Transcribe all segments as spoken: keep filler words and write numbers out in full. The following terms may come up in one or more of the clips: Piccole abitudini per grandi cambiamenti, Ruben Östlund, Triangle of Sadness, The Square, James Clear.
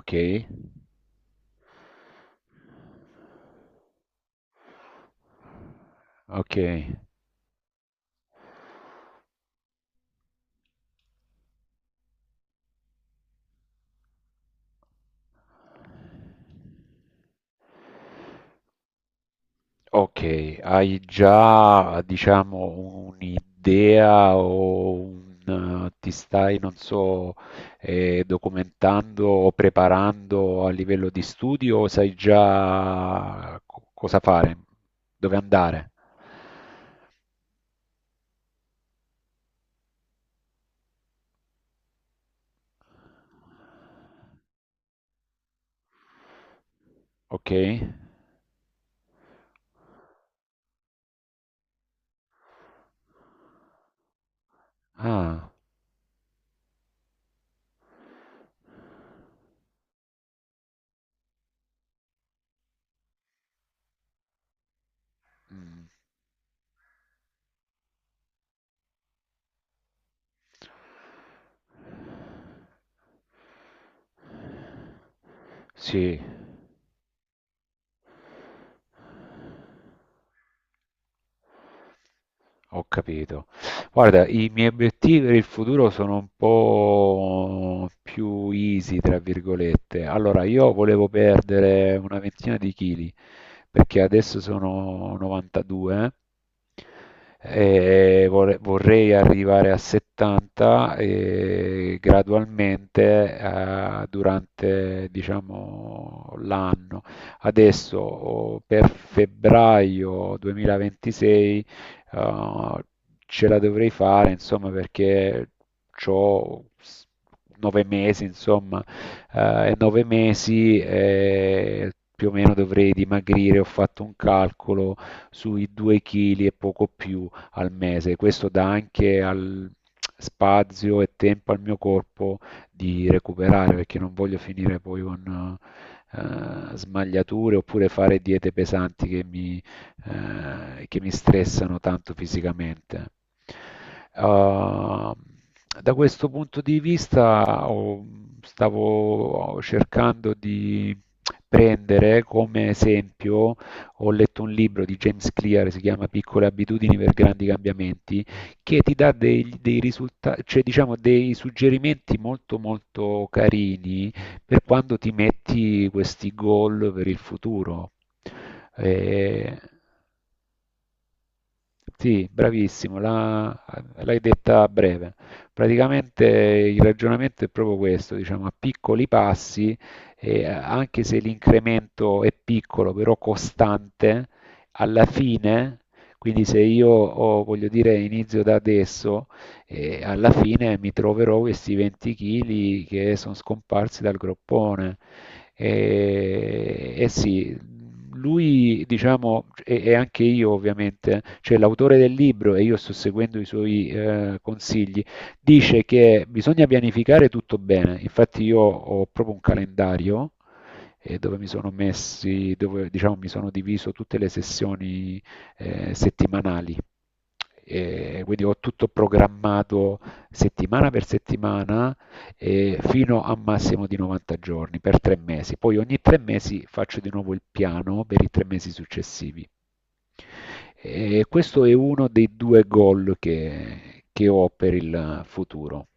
Okay, okay, okay. Hai già, diciamo, un'idea o un eh, ti stai, non so, ehm, documentando o preparando a livello di studio o sai già co cosa fare, dove andare? Okay. Ah, mh. Sì. Ho capito. Guarda, i miei obiettivi per il futuro sono un po' più easy, tra virgolette. Allora, io volevo perdere una ventina di chili, perché adesso sono novantadue e vole- vorrei arrivare a settanta e gradualmente, eh, durante, diciamo, l'anno. Adesso oh, per febbraio duemilaventisei eh, ce la dovrei fare, insomma, perché ho nove mesi, insomma, eh, e nove mesi eh, più o meno dovrei dimagrire, ho fatto un calcolo sui due chili e poco più al mese. Questo dà anche al spazio e tempo al mio corpo di recuperare, perché non voglio finire poi con eh, smagliature oppure fare diete pesanti che mi eh, che mi stressano tanto fisicamente. Uh, Da questo punto di vista ho- stavo cercando di prendere come esempio, ho letto un libro di James Clear, si chiama Piccole abitudini per grandi cambiamenti, che ti dà dei, dei risultati, cioè, diciamo, dei suggerimenti molto molto carini per quando ti metti questi goal per il futuro. Eh sì, bravissimo, la- l'hai detta a breve. Praticamente il ragionamento è proprio questo, diciamo, a piccoli passi, eh, anche se l'incremento è piccolo, però costante, alla fine, quindi se io ho- voglio dire, inizio da adesso, eh, alla fine mi troverò questi venti chili che sono scomparsi dal groppone. E, e sì, lui, diciamo, e, e anche io, ovviamente, cioè l'autore del libro, e io sto seguendo i suoi eh, consigli, dice che bisogna pianificare tutto bene. Infatti io ho proprio un calendario eh, dove mi sono messi, dove, diciamo, mi sono diviso tutte le sessioni eh, settimanali. E quindi ho tutto programmato settimana per settimana, eh, fino a un massimo di novanta giorni per tre mesi. Poi ogni tre mesi faccio di nuovo il piano per i tre mesi successivi. E questo è uno dei due goal che, che ho per il futuro.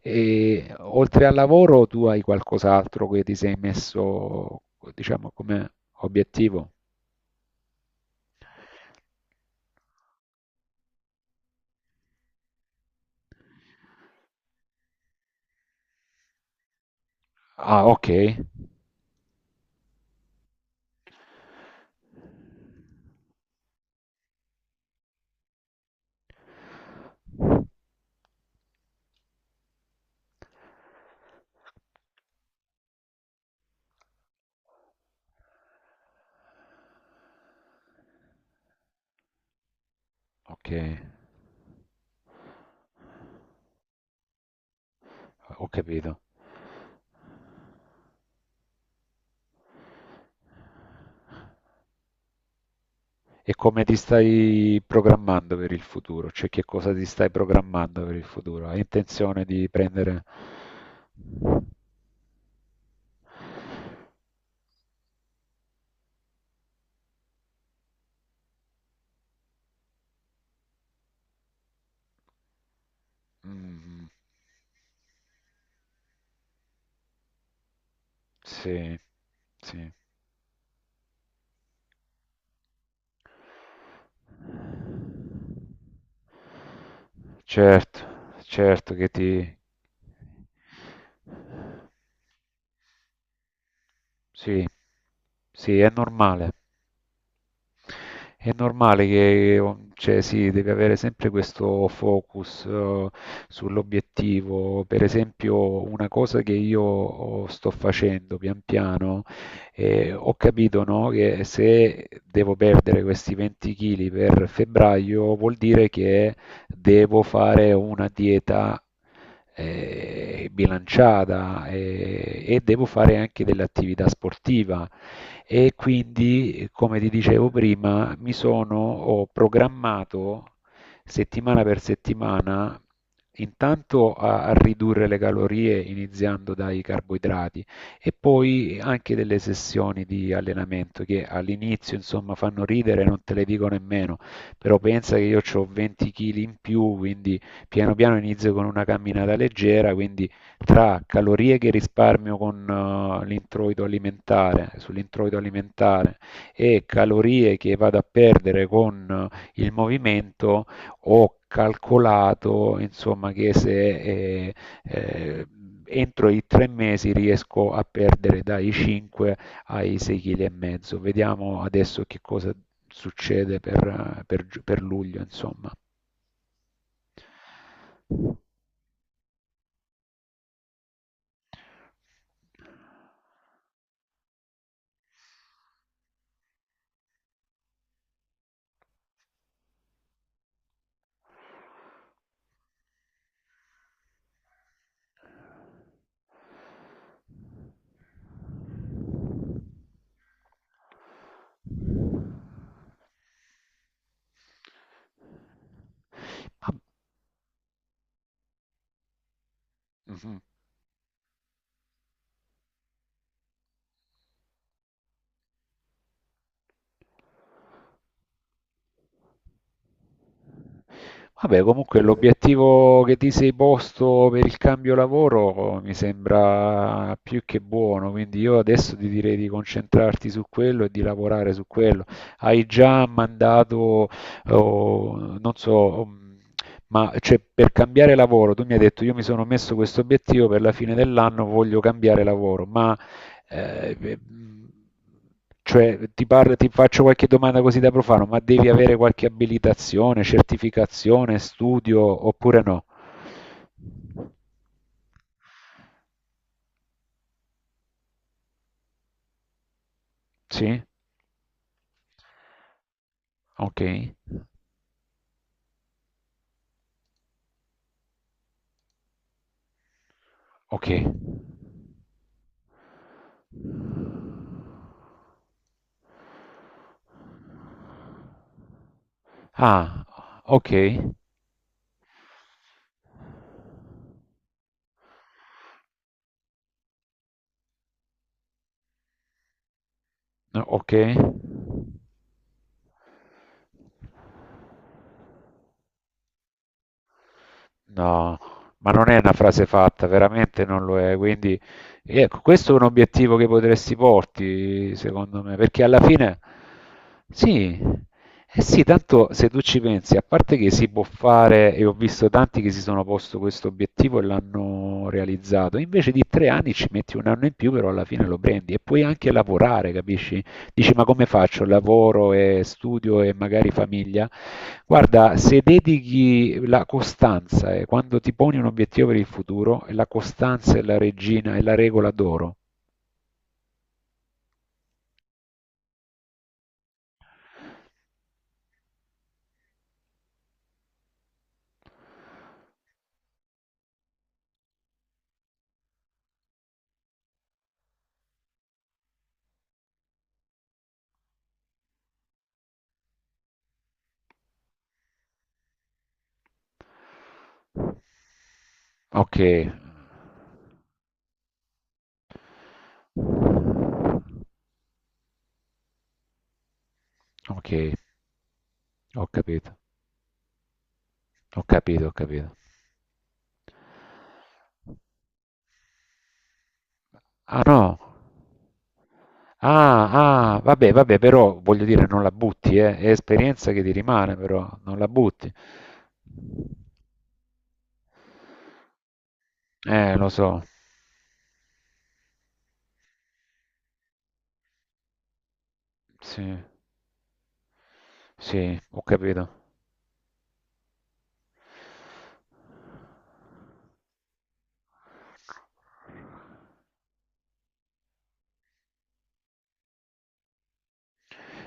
E oltre al lavoro, tu hai qualcos'altro che ti sei messo, diciamo, come obiettivo? Ah, ok. Ok, ho capito. E come ti stai programmando per il futuro? Cioè, che cosa ti stai programmando per il futuro? Hai intenzione di prendere... Mm, sì, sì. Certo, certo che ti... Sì, sì, è normale. È normale che, o- cioè, sì, devi avere sempre questo focus, eh, sull'obiettivo. Per esempio, una cosa che io oh, sto facendo pian piano, eh, ho capito, no, che se devo perdere questi venti chili per febbraio, vuol dire che devo fare una dieta eh, bilanciata eh, e devo fare anche dell'attività sportiva, e quindi, come ti dicevo prima, mi sono, ho programmato settimana per settimana, intanto a, a ridurre le calorie iniziando dai carboidrati, e poi anche delle sessioni di allenamento che all'inizio, insomma, fanno ridere, non te le dico nemmeno, però pensa che io ho venti chili in più, quindi piano piano inizio con una camminata leggera, quindi tra calorie che risparmio con eh, l'introito alimentare, sull'introito alimentare, e calorie che vado a perdere con eh, il movimento, ho calcolato, insomma, che se eh, eh, entro i tre mesi riesco a perdere dai cinque ai sei e mezzo kg. Vediamo adesso che cosa succede per, eh, per giu- per luglio, insomma. Ma- Mhm. Vabbè, comunque l'obiettivo che ti sei posto per il cambio lavoro oh, mi sembra più che buono, quindi io adesso ti direi di concentrarti su quello e di lavorare su quello. Hai già mandato, oh, non so, mm, ma, cioè, per cambiare lavoro, tu mi hai detto: io mi sono messo questo obiettivo per la fine dell'anno, voglio cambiare lavoro, ma... Eh, eh, cioè, ti, parlo- ti faccio qualche domanda così, da profano, ma devi avere qualche abilitazione, certificazione, studio oppure no? Sì? Ok. Ok. Ah, ok. No, ok. No, ma non è una frase fatta, veramente non lo è. Quindi, ecco, questo è un obiettivo che potresti porti, secondo me, perché alla fine, sì, eh sì, tanto se tu ci pensi, a parte che si può fare, e ho visto tanti che si sono posto questo obiettivo e l'hanno realizzato, invece di tre anni ci metti un anno in più, però alla fine lo prendi e puoi anche lavorare, capisci? Dici, ma come faccio? Lavoro e studio e magari famiglia? Guarda, se dedichi la costanza e eh, quando ti poni un obiettivo per il futuro, la costanza è la regina, è la regola d'oro. Ok, ok, ho capito, ho capito, ho capito. Ah no, ah, ah, vabbè, vabbè, però voglio dire, non la butti, eh. È esperienza che ti rimane, però non la butti. Eh, lo so, sì. Sì, ho capito.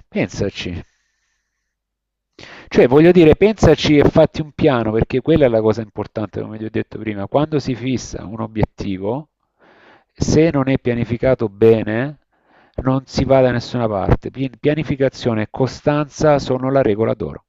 Pensaci, cioè voglio dire, pensaci e fatti un piano, perché quella è la cosa importante, come ti ho detto prima, quando si fissa un obiettivo, se non è pianificato bene, non si va da nessuna parte. Pi- Pianificazione e costanza sono la regola d'oro.